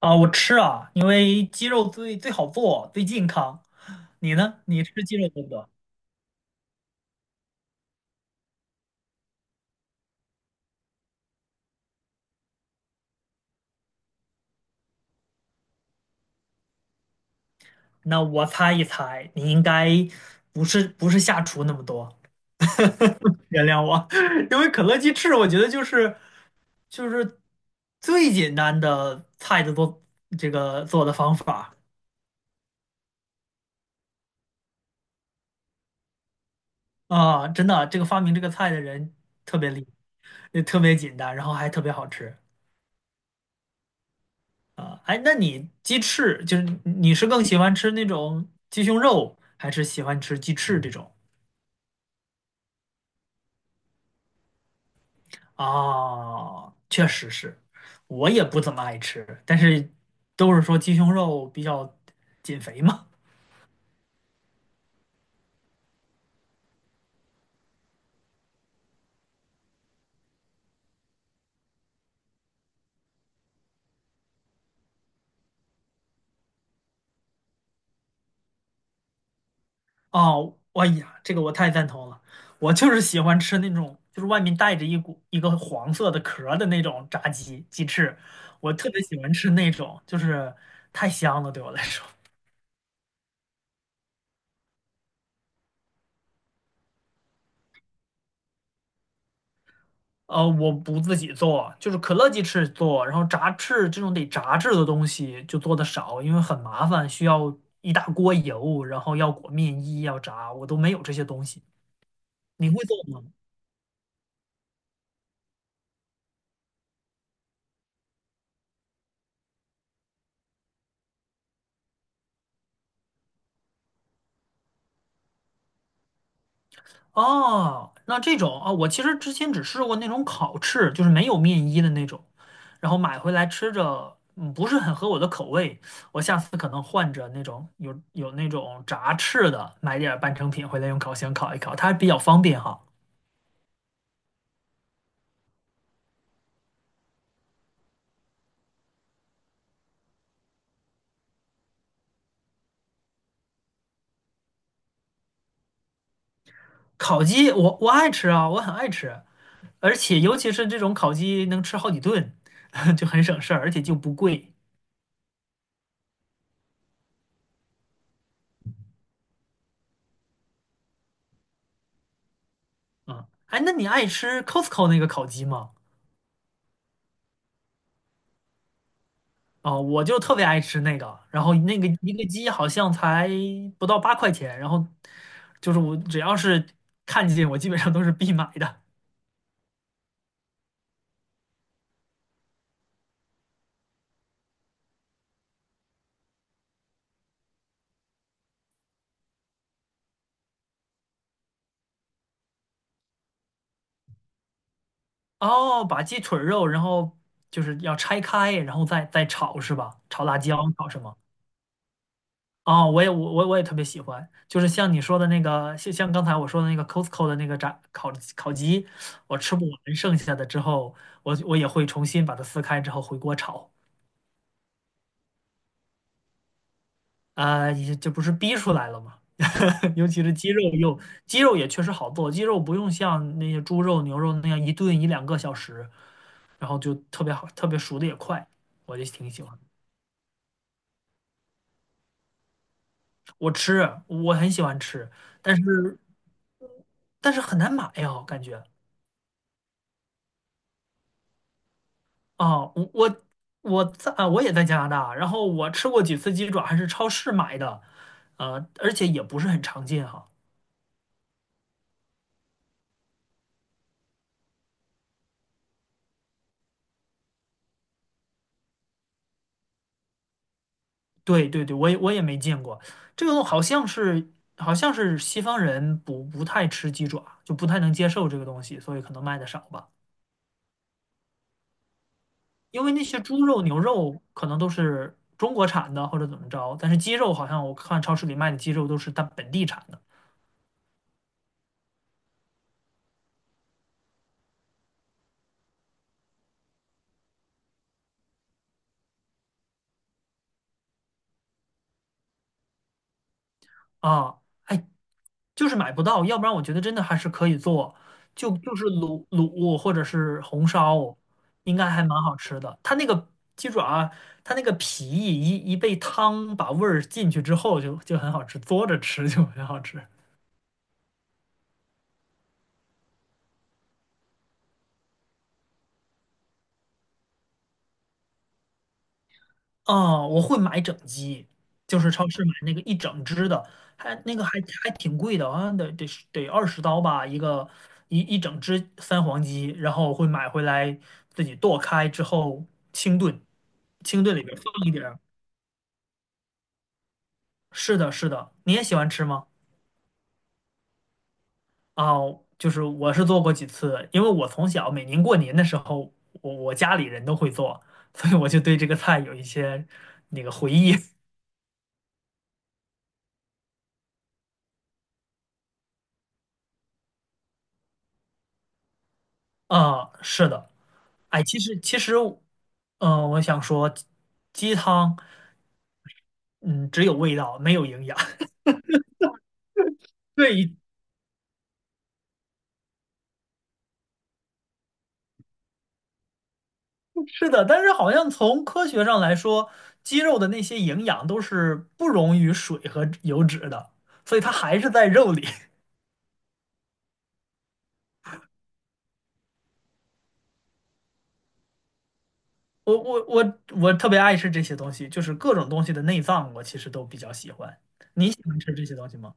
啊，我吃啊，因为鸡肉最好做，最健康。你呢？你吃鸡肉多不多？那我猜一猜，你应该不是下厨那么多，原谅我，因为可乐鸡翅，我觉得就是最简单的菜的做这个做的方法。啊，真的，这个发明这个菜的人特别厉害，也特别简单，然后还特别好吃。啊，哎，那你鸡翅就是你是更喜欢吃那种鸡胸肉，还是喜欢吃鸡翅这种？啊，确实是，我也不怎么爱吃，但是都是说鸡胸肉比较减肥嘛。哦，哎呀，这个我太赞同了，我就是喜欢吃那种就是外面带着一股一个黄色的壳儿的那种炸鸡鸡翅，我特别喜欢吃那种，就是太香了，对我来说。我不自己做，就是可乐鸡翅做，然后炸翅这种得炸制的东西就做的少，因为很麻烦，需要一大锅油，然后要裹面衣，要炸，我都没有这些东西。你会做吗？哦，那这种啊，我其实之前只试过那种烤翅，就是没有面衣的那种，然后买回来吃着，不是很合我的口味。我下次可能换着那种有那种炸翅的，买点儿半成品回来用烤箱烤一烤，它比较方便哈。烤鸡我爱吃啊，我很爱吃，而且尤其是这种烤鸡能吃好几顿，就很省事儿，而且就不贵啊。哎，那你爱吃 Costco 那个烤鸡吗？啊，我就特别爱吃那个，然后那个一个鸡好像才不到8块钱，然后就是我只要是看见我基本上都是必买的。哦，把鸡腿肉，然后就是要拆开，然后再炒是吧？炒辣椒，炒什么？哦，我也我也特别喜欢，就是像你说的那个，像刚才我说的那个 Costco 的那个烤鸡，我吃不完剩下的之后，我也会重新把它撕开之后回锅炒，啊、也这不是逼出来了吗？尤其是鸡肉也确实好做，鸡肉不用像那些猪肉、牛肉那样一炖一两个小时，然后就特别好，特别熟的也快，我就挺喜欢。我吃，我很喜欢吃，但是很难买呀，感觉。啊，我也在加拿大，然后我吃过几次鸡爪，还是超市买的，而且也不是很常见哈。对对对，我也没见过，这个东好像是西方人不太吃鸡爪，就不太能接受这个东西，所以可能卖的少吧。因为那些猪肉、牛肉可能都是中国产的或者怎么着，但是鸡肉好像我看超市里卖的鸡肉都是它本地产的啊。哎，就是买不到，要不然我觉得真的还是可以做，就是卤卤或者是红烧，应该还蛮好吃的。它那个鸡爪，它那个皮一被汤把味儿进去之后就，就很好吃，嘬着吃就很好吃。哦，我会买整鸡，就是超市买那个一整只的，还那个还挺贵的，好像得20刀吧，一个一整只三黄鸡，然后我会买回来自己剁开之后清炖，清炖里边放一点。是的，是的，你也喜欢吃吗？啊，就是我是做过几次，因为我从小每年过年的时候，我家里人都会做，所以我就对这个菜有一些那个回忆。啊，是的，哎，其实，我想说，鸡汤，嗯，只有味道，没有营养。对，是的，但是好像从科学上来说，鸡肉的那些营养都是不溶于水和油脂的，所以它还是在肉里。我特别爱吃这些东西，就是各种东西的内脏，我其实都比较喜欢。你喜欢吃这些东西吗？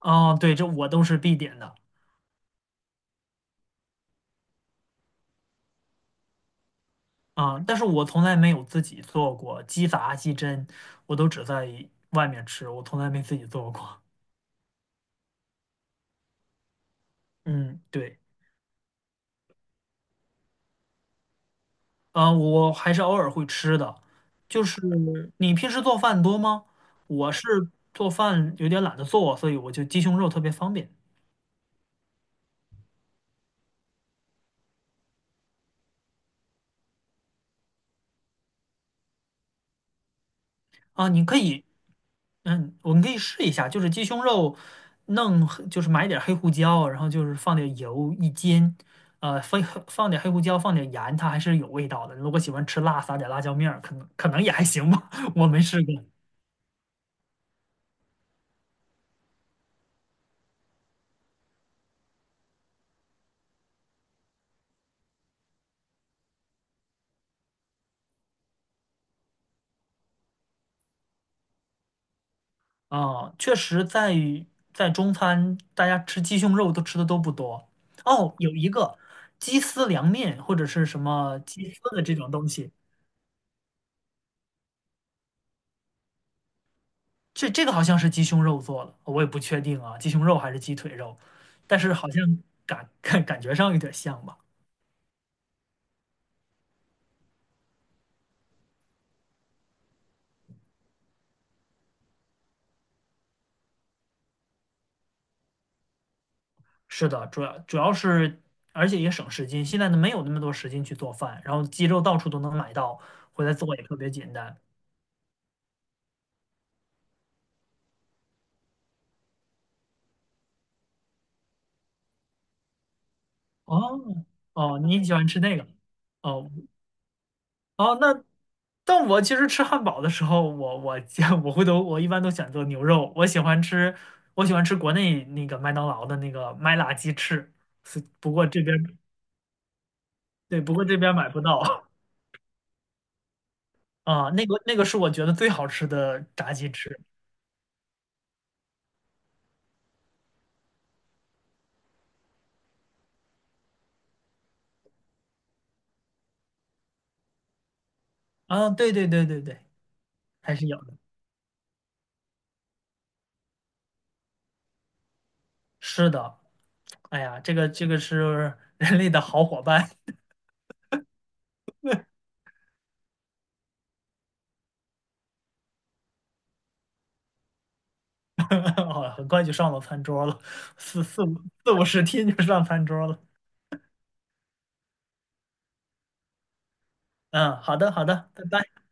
哦，对，这我都是必点的啊，但是我从来没有自己做过鸡杂、鸡胗，我都只在外面吃，我从来没自己做过。嗯，对，啊，我还是偶尔会吃的。就是你平时做饭多吗？我是做饭有点懒得做，所以我就鸡胸肉特别方便。啊，你可以，嗯，我们可以试一下，就是鸡胸肉弄黑就是买点儿黑胡椒，然后就是放点油一煎，呃，放放点黑胡椒，放点盐，它还是有味道的。如果喜欢吃辣，撒点辣椒面儿，可能也还行吧，我没试过。啊，确实在于在中餐，大家吃鸡胸肉都吃的都不多。哦，有一个鸡丝凉面或者是什么鸡丝的这种东西，这个好像是鸡胸肉做的，我也不确定啊，鸡胸肉还是鸡腿肉，但是好像感觉上有点像吧。是的，主要是，而且也省时间，现在呢没有那么多时间去做饭，然后鸡肉到处都能买到，回来做也特别简单。哦哦，你喜欢吃那个？哦哦，那但我其实吃汉堡的时候，我我 我回头我一般都选择牛肉，我喜欢吃国内那个麦当劳的那个麦辣鸡翅，是不过这边。对，不过这边买不到 啊。那个是我觉得最好吃的炸鸡翅啊，对对对对对，还是有的。是的，哎呀，这个是 人类的好伙伴，哦，很快就上了餐桌了，四五十天就上餐桌了。嗯，好的好的，拜拜。